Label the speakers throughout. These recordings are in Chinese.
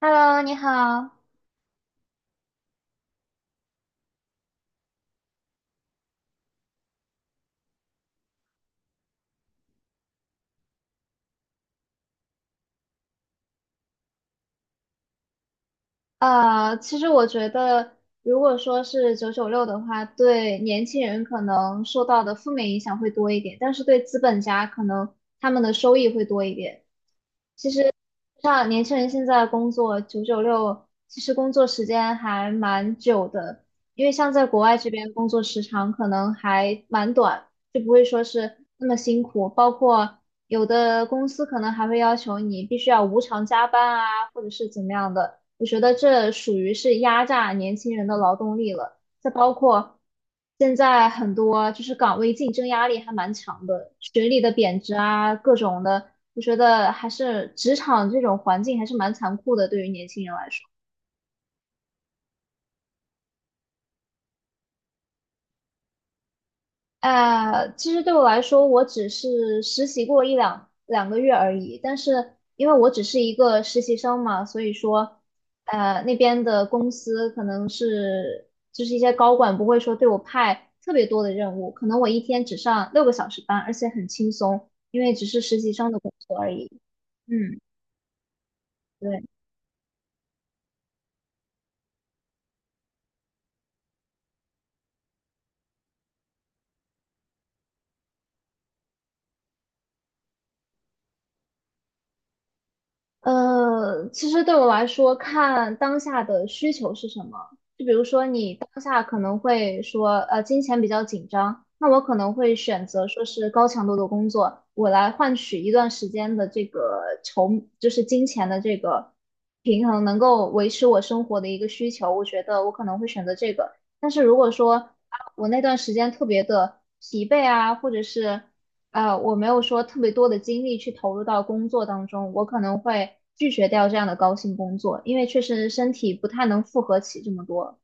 Speaker 1: Hello，你好。其实我觉得，如果说是九九六的话，对年轻人可能受到的负面影响会多一点，但是对资本家可能他们的收益会多一点。像年轻人现在工作九九六，其实工作时间还蛮久的，因为像在国外这边工作时长可能还蛮短，就不会说是那么辛苦。包括有的公司可能还会要求你必须要无偿加班啊，或者是怎么样的。我觉得这属于是压榨年轻人的劳动力了。再包括现在很多就是岗位竞争压力还蛮强的，学历的贬值啊，各种的。我觉得还是职场这种环境还是蛮残酷的，对于年轻人来说。其实对我来说，我只是实习过两个月而已，但是因为我只是一个实习生嘛，所以说，那边的公司可能是就是一些高管不会说对我派特别多的任务，可能我一天只上六个小时班，而且很轻松，因为只是实习生的工作而已。嗯，对。其实对我来说，看当下的需求是什么。就比如说，你当下可能会说，金钱比较紧张，那我可能会选择说是高强度的工作，我来换取一段时间的这个筹，就是金钱的这个平衡，能够维持我生活的一个需求。我觉得我可能会选择这个。但是如果说啊，我那段时间特别的疲惫啊，或者是我没有说特别多的精力去投入到工作当中，我可能会拒绝掉这样的高薪工作，因为确实身体不太能负荷起这么多。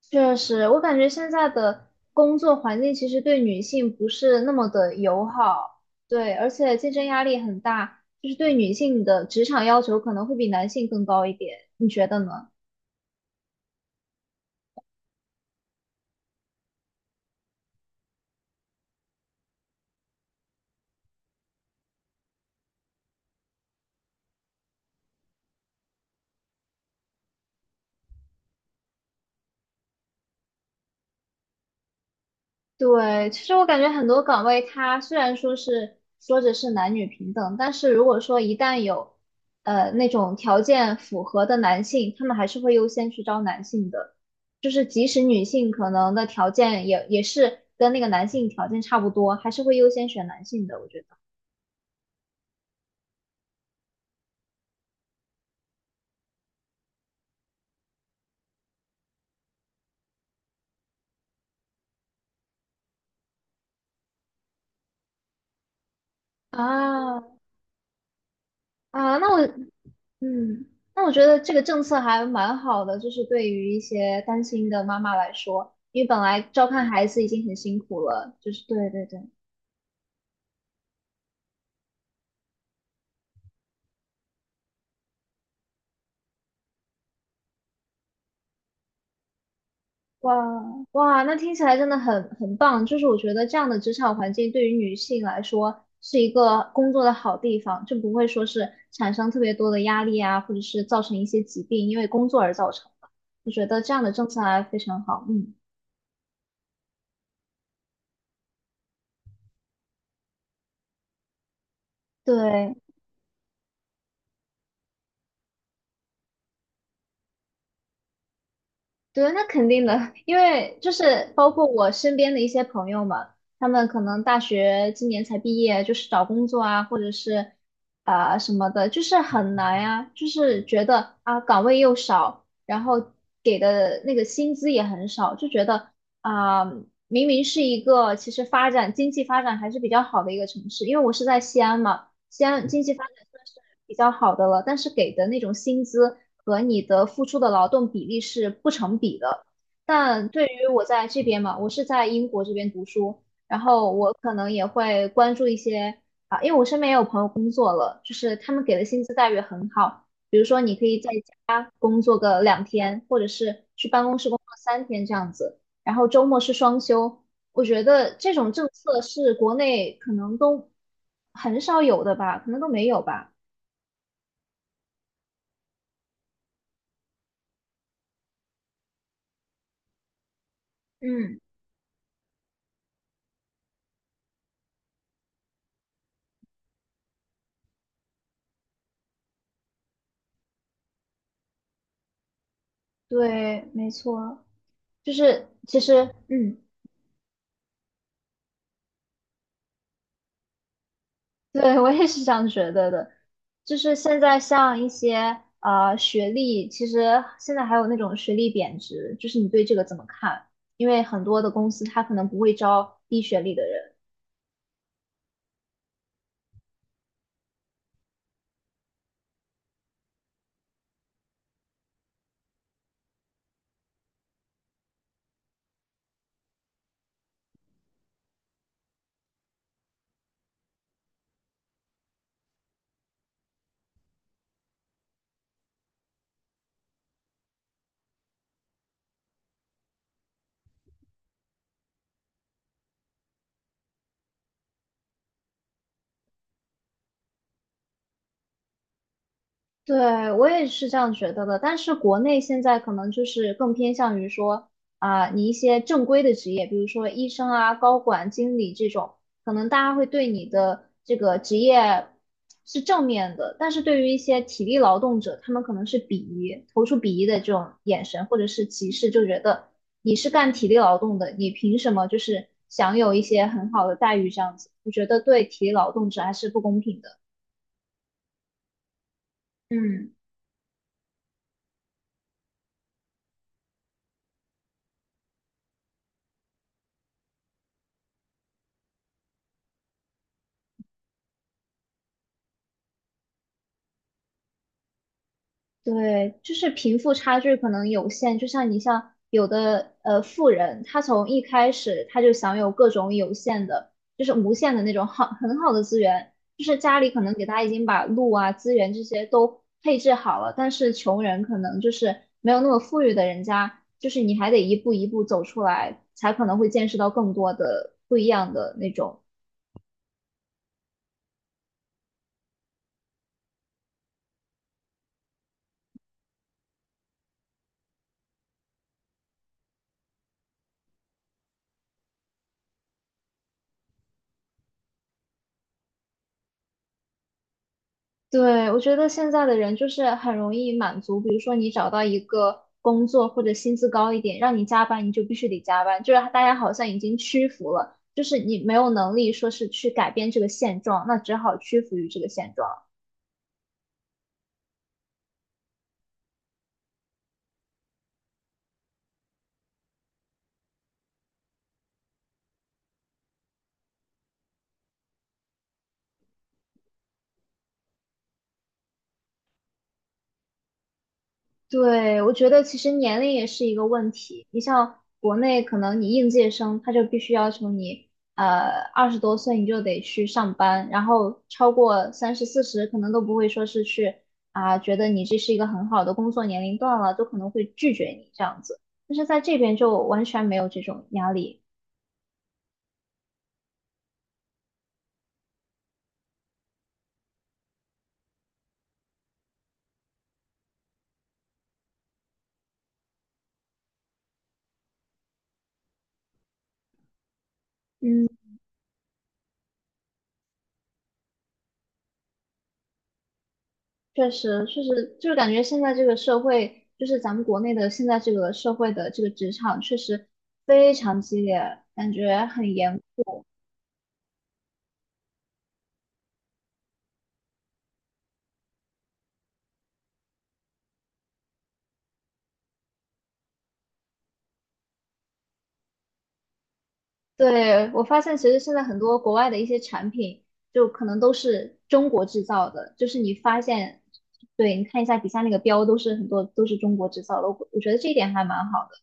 Speaker 1: 确实，我感觉现在的工作环境其实对女性不是那么的友好，对，而且竞争压力很大，就是对女性的职场要求可能会比男性更高一点，你觉得呢？对，其实我感觉很多岗位，它虽然说是说着是男女平等，但是如果说一旦有那种条件符合的男性，他们还是会优先去招男性的。就是即使女性可能的条件也是跟那个男性条件差不多，还是会优先选男性的，我觉得。啊啊，那我嗯，那我觉得这个政策还蛮好的，就是对于一些单亲的妈妈来说，因为本来照看孩子已经很辛苦了，就是对对对。哇哇，那听起来真的很棒。就是我觉得这样的职场环境对于女性来说是一个工作的好地方，就不会说是产生特别多的压力啊，或者是造成一些疾病，因为工作而造成的。我觉得这样的政策还非常好。嗯，对。对，那肯定的，因为就是包括我身边的一些朋友们，他们可能大学今年才毕业，就是找工作啊，或者是啊、什么的，就是很难呀、就是觉得啊岗位又少，然后给的那个薪资也很少，就觉得啊、明明是一个其实发展经济发展还是比较好的一个城市，因为我是在西安嘛。西安经济发展算是比较好的了，但是给的那种薪资和你的付出的劳动比例是不成比的。但对于我在这边嘛，我是在英国这边读书，然后我可能也会关注一些啊，因为我身边也有朋友工作了，就是他们给的薪资待遇很好，比如说你可以在家工作个两天，或者是去办公室工作三天这样子，然后周末是双休，我觉得这种政策是国内可能都很少有的吧，可能都没有吧。嗯，对，没错，就是其实，嗯，对，我也是这样觉得的。就是现在像一些啊学历，其实现在还有那种学历贬值，就是你对这个怎么看？因为很多的公司它可能不会招低学历的人。对，我也是这样觉得的，但是国内现在可能就是更偏向于说啊、你一些正规的职业，比如说医生啊、高管、经理这种，可能大家会对你的这个职业是正面的，但是对于一些体力劳动者，他们可能是鄙夷，投出鄙夷的这种眼神或者是歧视，就觉得你是干体力劳动的，你凭什么就是享有一些很好的待遇这样子？我觉得对体力劳动者还是不公平的。嗯。对，就是贫富差距可能有限，就像你像有的富人，他从一开始他就享有各种有限的，就是无限的那种好很好的资源，就是家里可能给他已经把路啊资源这些都配置好了，但是穷人可能就是没有那么富裕的人家，就是你还得一步一步走出来，才可能会见识到更多的不一样的那种对，我觉得现在的人就是很容易满足，比如说你找到一个工作或者薪资高一点，让你加班，你就必须得加班，就是大家好像已经屈服了，就是你没有能力说是去改变这个现状，那只好屈服于这个现状。对，我觉得其实年龄也是一个问题。你像国内，可能你应届生他就必须要求你，二十多岁你就得去上班，然后超过三十四十，可能都不会说是去啊、觉得你这是一个很好的工作年龄段了，都可能会拒绝你这样子。但是在这边就完全没有这种压力。嗯，确实，确实，就是感觉现在这个社会，就是咱们国内的现在这个社会的这个职场，确实非常激烈，感觉很严。对，我发现其实现在很多国外的一些产品，就可能都是中国制造的，就是你发现，对，你看一下底下那个标，都是很多都是中国制造的，我觉得这一点还蛮好的。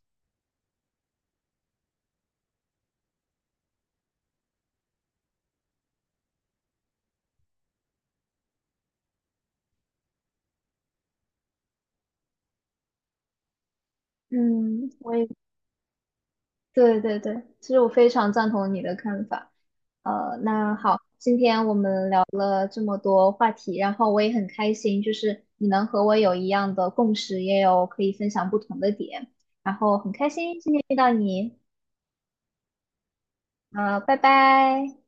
Speaker 1: 嗯，我也对对对，其实我非常赞同你的看法。那好，今天我们聊了这么多话题，然后我也很开心，就是你能和我有一样的共识，也有可以分享不同的点，然后很开心今天遇到你。拜拜。